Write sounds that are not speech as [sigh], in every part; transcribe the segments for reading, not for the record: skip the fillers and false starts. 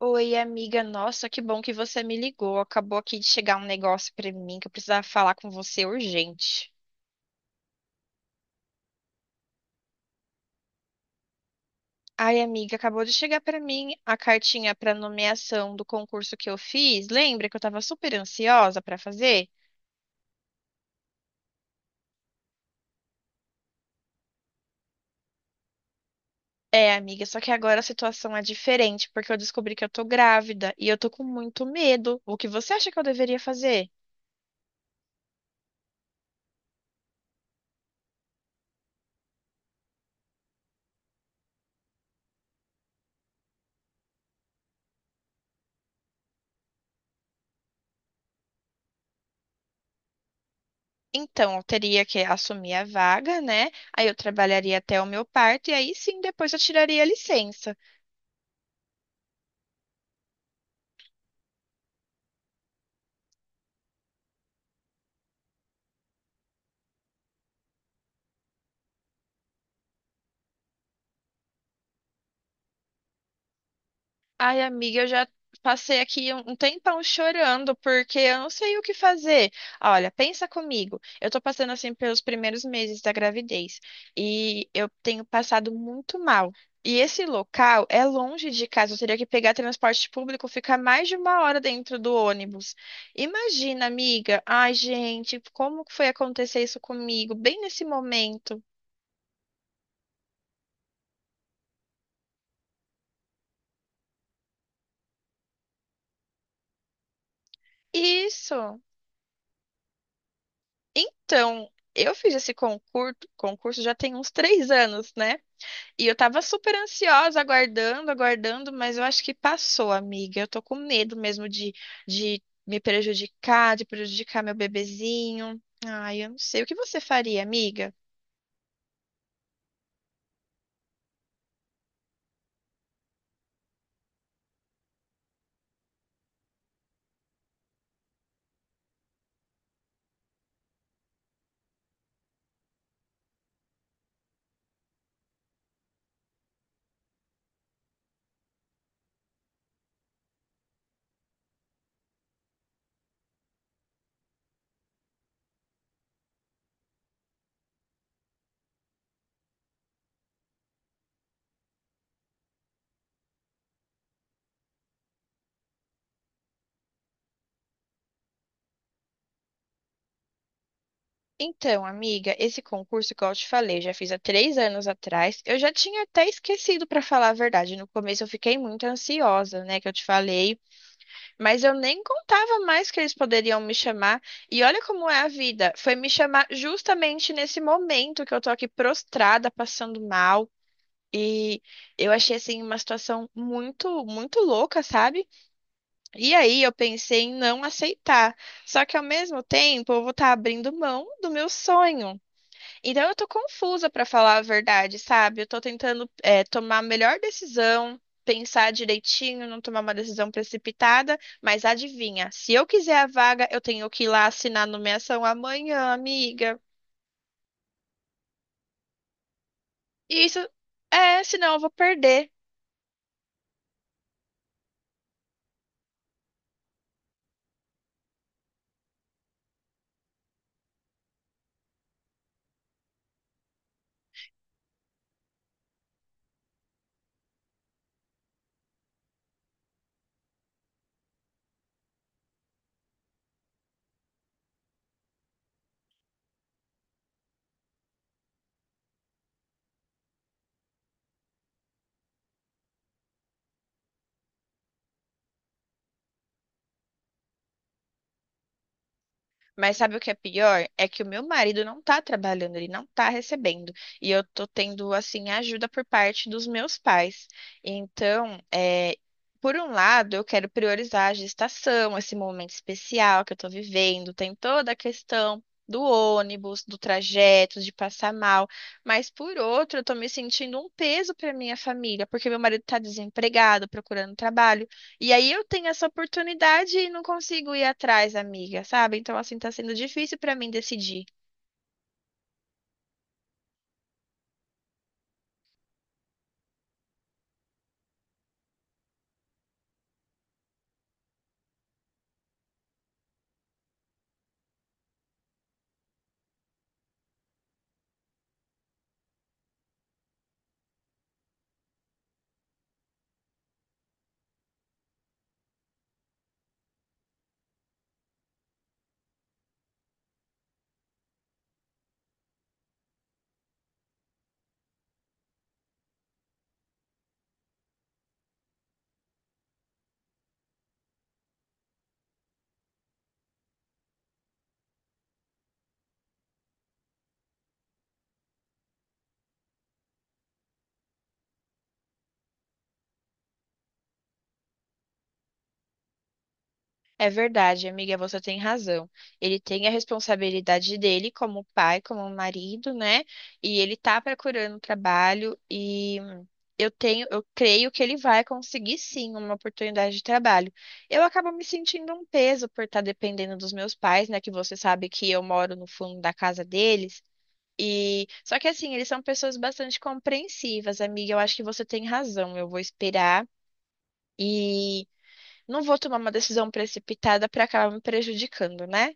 Oi, amiga. Nossa, que bom que você me ligou. Acabou aqui de chegar um negócio pra mim que eu precisava falar com você urgente. Ai, amiga, acabou de chegar pra mim a cartinha pra nomeação do concurso que eu fiz. Lembra que eu tava super ansiosa pra fazer? É, amiga, só que agora a situação é diferente, porque eu descobri que eu tô grávida e eu tô com muito medo. O que você acha que eu deveria fazer? Então, eu teria que assumir a vaga, né? Aí eu trabalharia até o meu parto e aí sim depois eu tiraria a licença. Ai, amiga, eu já passei aqui um tempão chorando porque eu não sei o que fazer. Olha, pensa comigo. Eu tô passando assim pelos primeiros meses da gravidez e eu tenho passado muito mal. E esse local é longe de casa, eu teria que pegar transporte público, ficar mais de 1 hora dentro do ônibus. Imagina, amiga. Ai, gente, como que foi acontecer isso comigo, bem nesse momento? Isso. Então, eu fiz esse concurso, concurso já tem uns 3 anos, né? E eu tava super ansiosa, aguardando, aguardando, mas eu acho que passou, amiga. Eu tô com medo mesmo de me prejudicar, de prejudicar meu bebezinho. Ai, eu não sei. O que você faria, amiga? Então, amiga, esse concurso, que eu te falei, eu já fiz há 3 anos atrás. Eu já tinha até esquecido, pra falar a verdade. No começo eu fiquei muito ansiosa, né? Que eu te falei. Mas eu nem contava mais que eles poderiam me chamar. E olha como é a vida. Foi me chamar justamente nesse momento que eu tô aqui prostrada, passando mal. E eu achei assim uma situação muito, muito louca, sabe? E aí eu pensei em não aceitar. Só que ao mesmo tempo eu vou estar abrindo mão do meu sonho. Então eu tô confusa pra falar a verdade, sabe? Eu tô tentando tomar a melhor decisão, pensar direitinho, não tomar uma decisão precipitada, mas adivinha, se eu quiser a vaga, eu tenho que ir lá assinar a nomeação amanhã, amiga. E isso é, senão eu vou perder. Mas sabe o que é pior? É que o meu marido não tá trabalhando, ele não tá recebendo. E eu tô tendo, assim, ajuda por parte dos meus pais. Então, é, por um lado, eu quero priorizar a gestação, esse momento especial que eu tô vivendo. Tem toda a questão do ônibus, do trajeto, de passar mal. Mas, por outro, eu tô me sentindo um peso pra minha família, porque meu marido tá desempregado, procurando trabalho. E aí eu tenho essa oportunidade e não consigo ir atrás, amiga, sabe? Então, assim, tá sendo difícil pra mim decidir. É verdade, amiga, você tem razão. Ele tem a responsabilidade dele como pai, como marido, né? E ele tá procurando trabalho e eu tenho, eu creio que ele vai conseguir sim uma oportunidade de trabalho. Eu acabo me sentindo um peso por estar dependendo dos meus pais, né? Que você sabe que eu moro no fundo da casa deles. E só que assim, eles são pessoas bastante compreensivas, amiga. Eu acho que você tem razão. Eu vou esperar e não vou tomar uma decisão precipitada para acabar me prejudicando, né?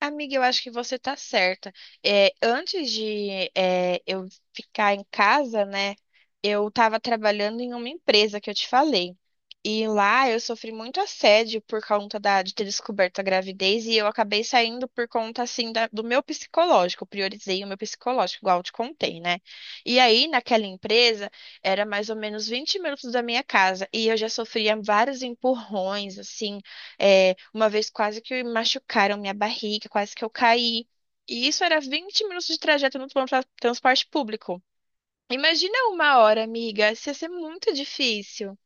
Amiga, eu acho que você tá certa. É, antes de eu ficar em casa, né, eu estava trabalhando em uma empresa que eu te falei. E lá eu sofri muito assédio por conta de ter descoberto a gravidez e eu acabei saindo por conta, assim, do meu psicológico. Eu priorizei o meu psicológico, igual eu te contei, né? E aí, naquela empresa, era mais ou menos 20 minutos da minha casa e eu já sofria vários empurrões, assim. É, uma vez quase que machucaram minha barriga, quase que eu caí. E isso era 20 minutos de trajeto no transporte público. Imagina 1 hora, amiga, isso ia ser muito difícil.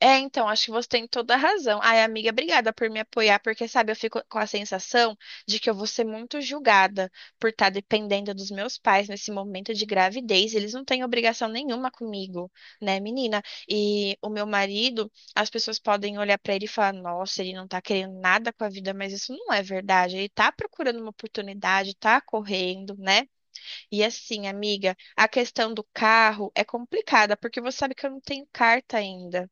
É, então, acho que você tem toda a razão. Ai, amiga, obrigada por me apoiar, porque, sabe, eu fico com a sensação de que eu vou ser muito julgada por estar dependendo dos meus pais nesse momento de gravidez. Eles não têm obrigação nenhuma comigo, né, menina? E o meu marido, as pessoas podem olhar pra ele e falar: nossa, ele não tá querendo nada com a vida, mas isso não é verdade. Ele tá procurando uma oportunidade, tá correndo, né? E assim, amiga, a questão do carro é complicada, porque você sabe que eu não tenho carta ainda.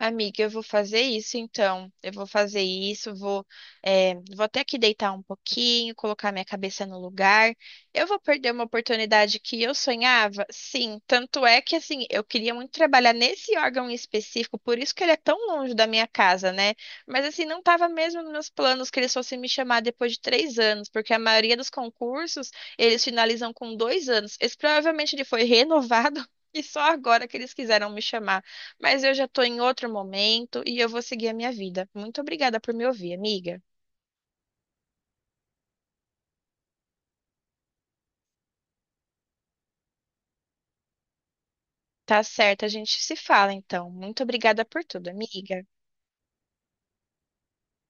Amiga, eu vou fazer isso então. Eu vou fazer isso, vou, é, vou até que deitar um pouquinho, colocar minha cabeça no lugar. Eu vou perder uma oportunidade que eu sonhava? Sim, tanto é que assim, eu queria muito trabalhar nesse órgão em específico, por isso que ele é tão longe da minha casa, né? Mas assim, não estava mesmo nos meus planos que eles fossem me chamar depois de 3 anos, porque a maioria dos concursos eles finalizam com 2 anos. Esse provavelmente ele foi renovado. [laughs] E só agora que eles quiseram me chamar. Mas eu já tô em outro momento e eu vou seguir a minha vida. Muito obrigada por me ouvir, amiga. Tá certo, a gente se fala então. Muito obrigada por tudo, amiga.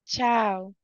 Tchau.